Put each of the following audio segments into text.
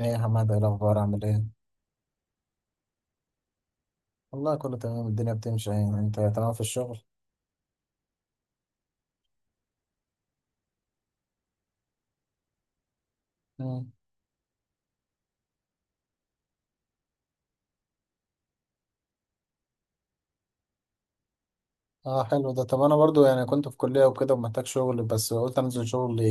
ايه يا حماد، ايه الاخبار، عامل ايه؟ والله كله تمام، الدنيا بتمشي يعني. انت تمام في الشغل؟ مم. اه، حلو ده. طب انا برضو يعني كنت في كلية وكده ومحتاج شغل، بس قلت انزل شغل،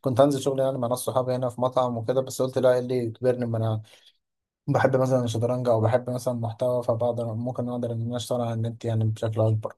كنت انزل شغل يعني مع ناس صحابي هنا في مطعم وكده، بس قلت لا، إيه اللي يجبرني؟ ما انا بحب مثلا الشطرنج، او بحب مثلا محتوى، فبقدر ممكن اقدر ان انا اشتغل على النت يعني بشكل اكبر.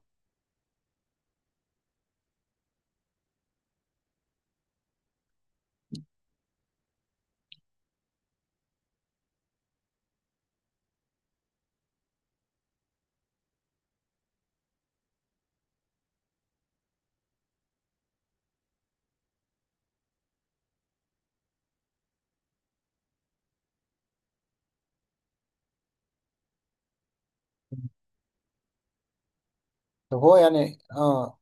طب هو يعني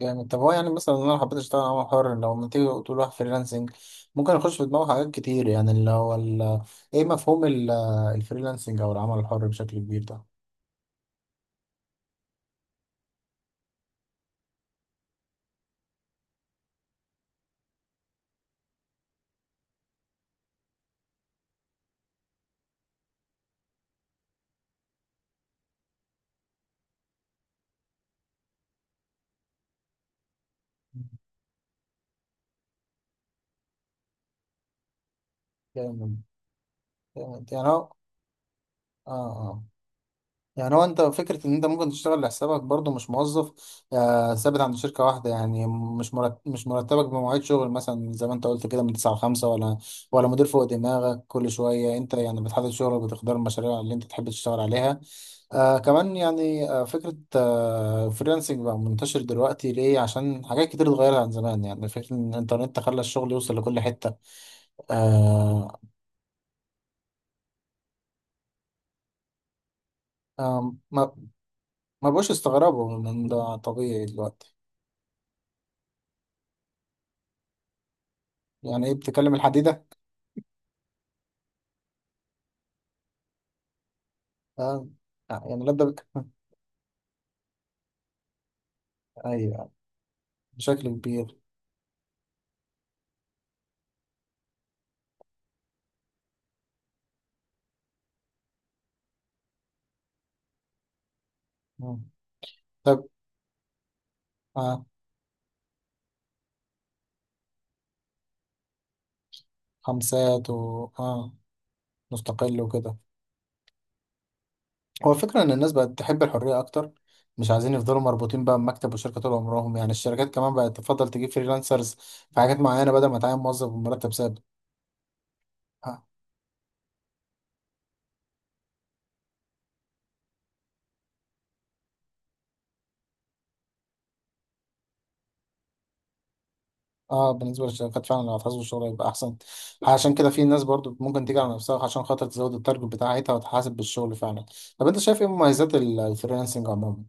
جامد. طب هو يعني مثلا لو انا حبيت اشتغل عمل حر، لو ما تيجي تقول واحد فريلانسنج، ممكن اخش في دماغه حاجات كتير يعني، اللي هو ايه، مفهوم الفريلانسنج او العمل الحر بشكل كبير ده؟ جامد، جامد يعني هو. اه اه يعني هو انت، فكرة ان انت ممكن تشتغل لحسابك برضو، مش موظف ثابت عند شركة واحدة يعني، مش مرتبك بمواعيد شغل مثلا زي ما انت قلت كده من 9 ل 5، ولا مدير فوق دماغك كل شوية. انت يعني بتحدد شغلك، بتختار المشاريع اللي انت تحب تشتغل عليها. كمان يعني فكرة فريلانسنج بقى منتشر دلوقتي ليه؟ عشان حاجات كتير اتغيرت عن زمان، يعني فكرة ان الانترنت خلى الشغل يوصل لكل حتة. آه آه ما ما بقوش استغربوا من ده، طبيعي دلوقتي. يعني ايه بتكلم الحديدة؟ اه يعني لابدة بك. ايوه، بشكل كبير. مم. طب اه خمسات و اه مستقل وكده. هو الفكرة ان الناس بقت تحب الحرية اكتر، مش عايزين يفضلوا مربوطين بقى بمكتب وشركة طول عمرهم. يعني الشركات كمان بقت تفضل تجيب فريلانسرز في حاجات معينة بدل ما تعين موظف بمرتب ثابت. اه بالنسبة للشركات فعلا لو هتحاسبوا الشغل هيبقى أحسن. عشان كده في ناس برضو ممكن تيجي على نفسها عشان خاطر تزود التارجت بتاعتها وتحاسب بالشغل فعلا. طب أنت شايف إيه مميزات الفريلانسنج عموما؟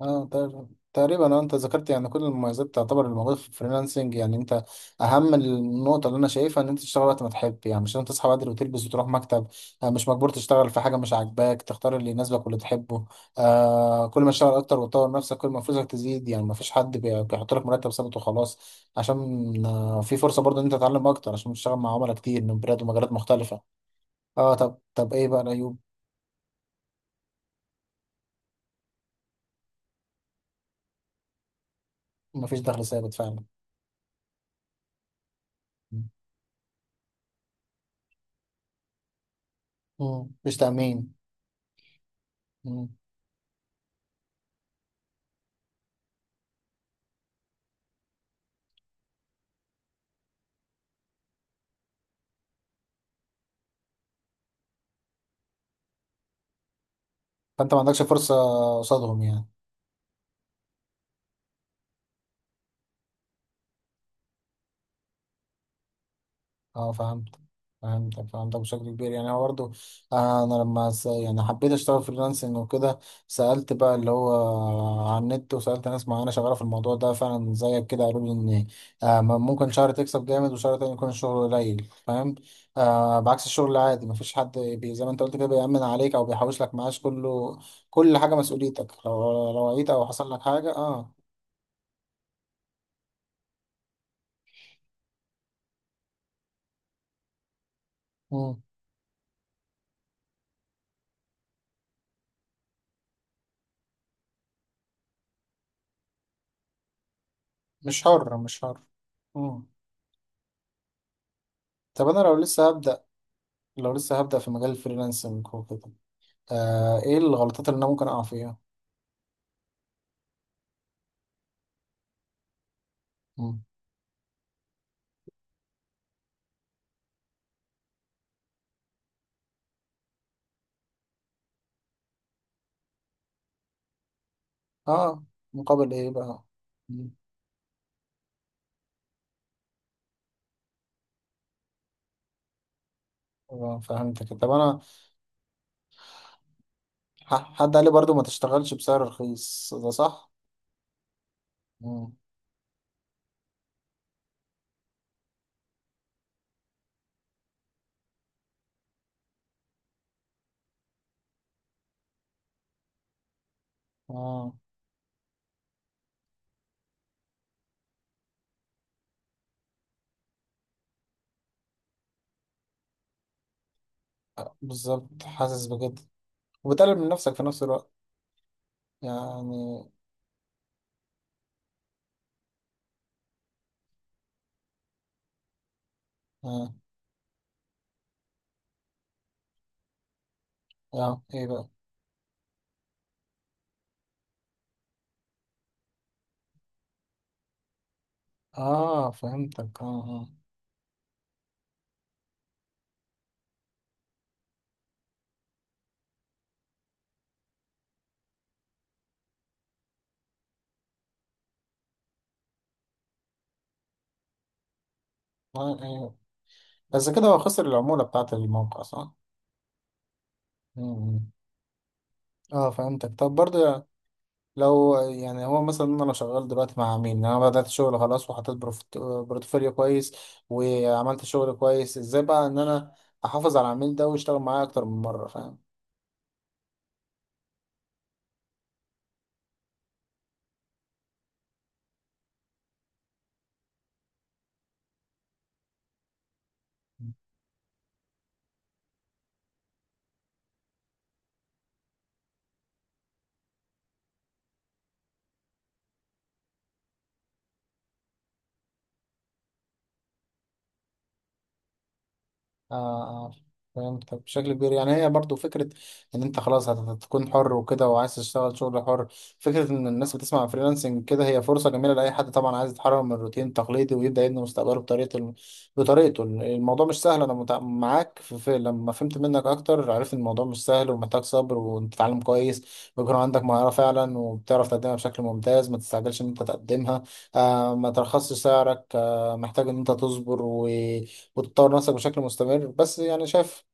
اه تق- تقريبا. اه انت ذكرت يعني كل المميزات تعتبر الموجوده في الفريلانسنج يعني. انت، اهم النقطه اللي انا شايفها ان انت تشتغل وقت ما تحب، يعني مش لازم تصحى بدري وتلبس وتروح مكتب. مش مجبور تشتغل في حاجه مش عاجباك، تختار اللي يناسبك واللي تحبه. كل ما تشتغل اكتر وتطور نفسك كل ما فلوسك تزيد، يعني ما فيش حد بيحط لك مرتب ثابت وخلاص، عشان في فرصه برضه ان انت تتعلم اكتر عشان تشتغل مع عملاء كتير من بلاد ومجالات مختلفه. اه، طب ايه بقى العيوب؟ ما فيش دخل ثابت فعلا. مم. مفيش تامين. فانت ما عندكش فرصه قصادهم يعني. اه، فهمت. فهمتك بشكل كبير يعني، هو برضه. انا لما يعني حبيت اشتغل فريلانسنج وكده، سالت بقى اللي هو على النت، وسالت ناس معينه شغاله في الموضوع ده فعلا زيك كده، قالوا لي ان ممكن شهر تكسب جامد وشهر تاني يكون الشغل قليل، فاهم؟ بعكس الشغل العادي مفيش حد زي ما انت قلت كده بيأمن عليك او بيحوش لك معاش. كله، كل حاجه مسؤوليتك، لو وعيت او حصل لك حاجه. اه مم. مش حر، مش حر. مم. طب انا لو لسه هبدأ، في مجال الفريلانسنج وكده، ايه الغلطات اللي انا ممكن اقع فيها؟ مم. اه، مقابل ايه بقى؟ مم. فهمتك. طب انا حد قال لي برضو ما تشتغلش بسعر رخيص، ده صح؟ مم. اه بالظبط، حاسس بكده، وبتقلل من نفسك في نفس الوقت يعني. اه, آه. ايه بقى؟ اه، فهمتك. اه، اه, آه. إيه. بس كده هو خسر العمولة بتاعت الموقع، صح؟ مم. اه، فهمتك. طب برضو لو يعني هو مثلا، انا لو شغال دلوقتي مع مين؟ انا بدأت شغل خلاص وحطيت بورتفوليو كويس، وعملت شغل كويس، ازاي بقى ان انا احافظ على العميل ده ويشتغل معايا اكتر من مرة، فاهم؟ اه، فهمت بشكل كبير يعني. هي برضو فكرة ان انت خلاص هتكون حر وكده وعايز تشتغل شغل حر. فكرة ان الناس بتسمع فريلانسنج كده، هي فرصة جميلة لأي حد طبعا عايز يتحرر من الروتين التقليدي ويبدأ يبني مستقبله بطريقته. الموضوع مش سهل، انا معاك في لما فهمت منك اكتر، عرفت ان الموضوع مش سهل ومحتاج صبر وتتعلم كويس، ويكون عندك مهارة فعلا وبتعرف تقدمها بشكل ممتاز، ما تستعجلش ان انت تقدمها، ما ترخصش سعرك، محتاج ان انت تصبر وتطور نفسك بشكل مستمر. بس يعني شايف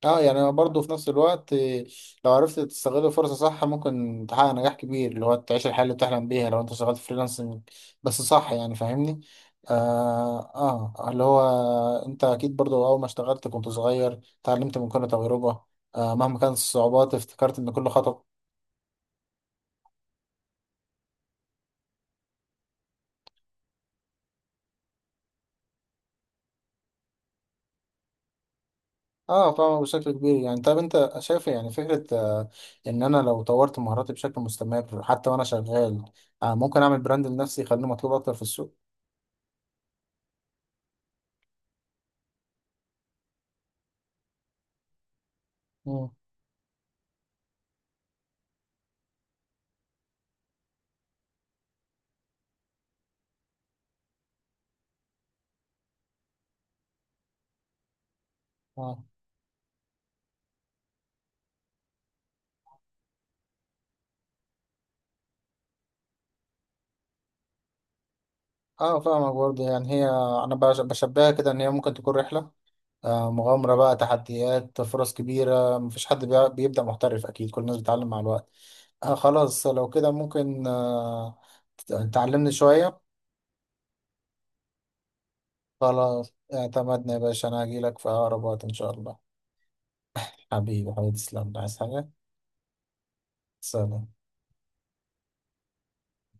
اه، يعني برضه في نفس الوقت، لو عرفت تستغل الفرصة صح ممكن تحقق نجاح كبير، اللي هو تعيش الحياة اللي بتحلم بيها لو انت شغال فريلانسنج بس صح، يعني فاهمني؟ آه, اه، اللي هو انت اكيد برضه اول ما اشتغلت كنت صغير، اتعلمت من كل تجربة، مهما كانت الصعوبات، افتكرت ان كل خطوة. اه طبعا، بشكل كبير يعني. طب انت شايف يعني فكرة، ان انا لو طورت مهاراتي بشكل مستمر حتى وانا شغال، ممكن اعمل براند لنفسي يخليني مطلوب اكتر في السوق. مم. اه اه، فاهمك برضه يعني. هي، انا بشبهها كده ان هي ممكن تكون رحلة، مغامرة بقى، تحديات، فرص كبيرة. مفيش حد بيبدأ محترف، اكيد كل الناس بتتعلم مع الوقت. خلاص لو كده ممكن تعلمني شوية؟ خلاص اعتمدنا يا باشا، انا هجيلك في اقرب وقت ان شاء الله. حبيبي حبيبي تسلم، عايز حاجة؟ سلام.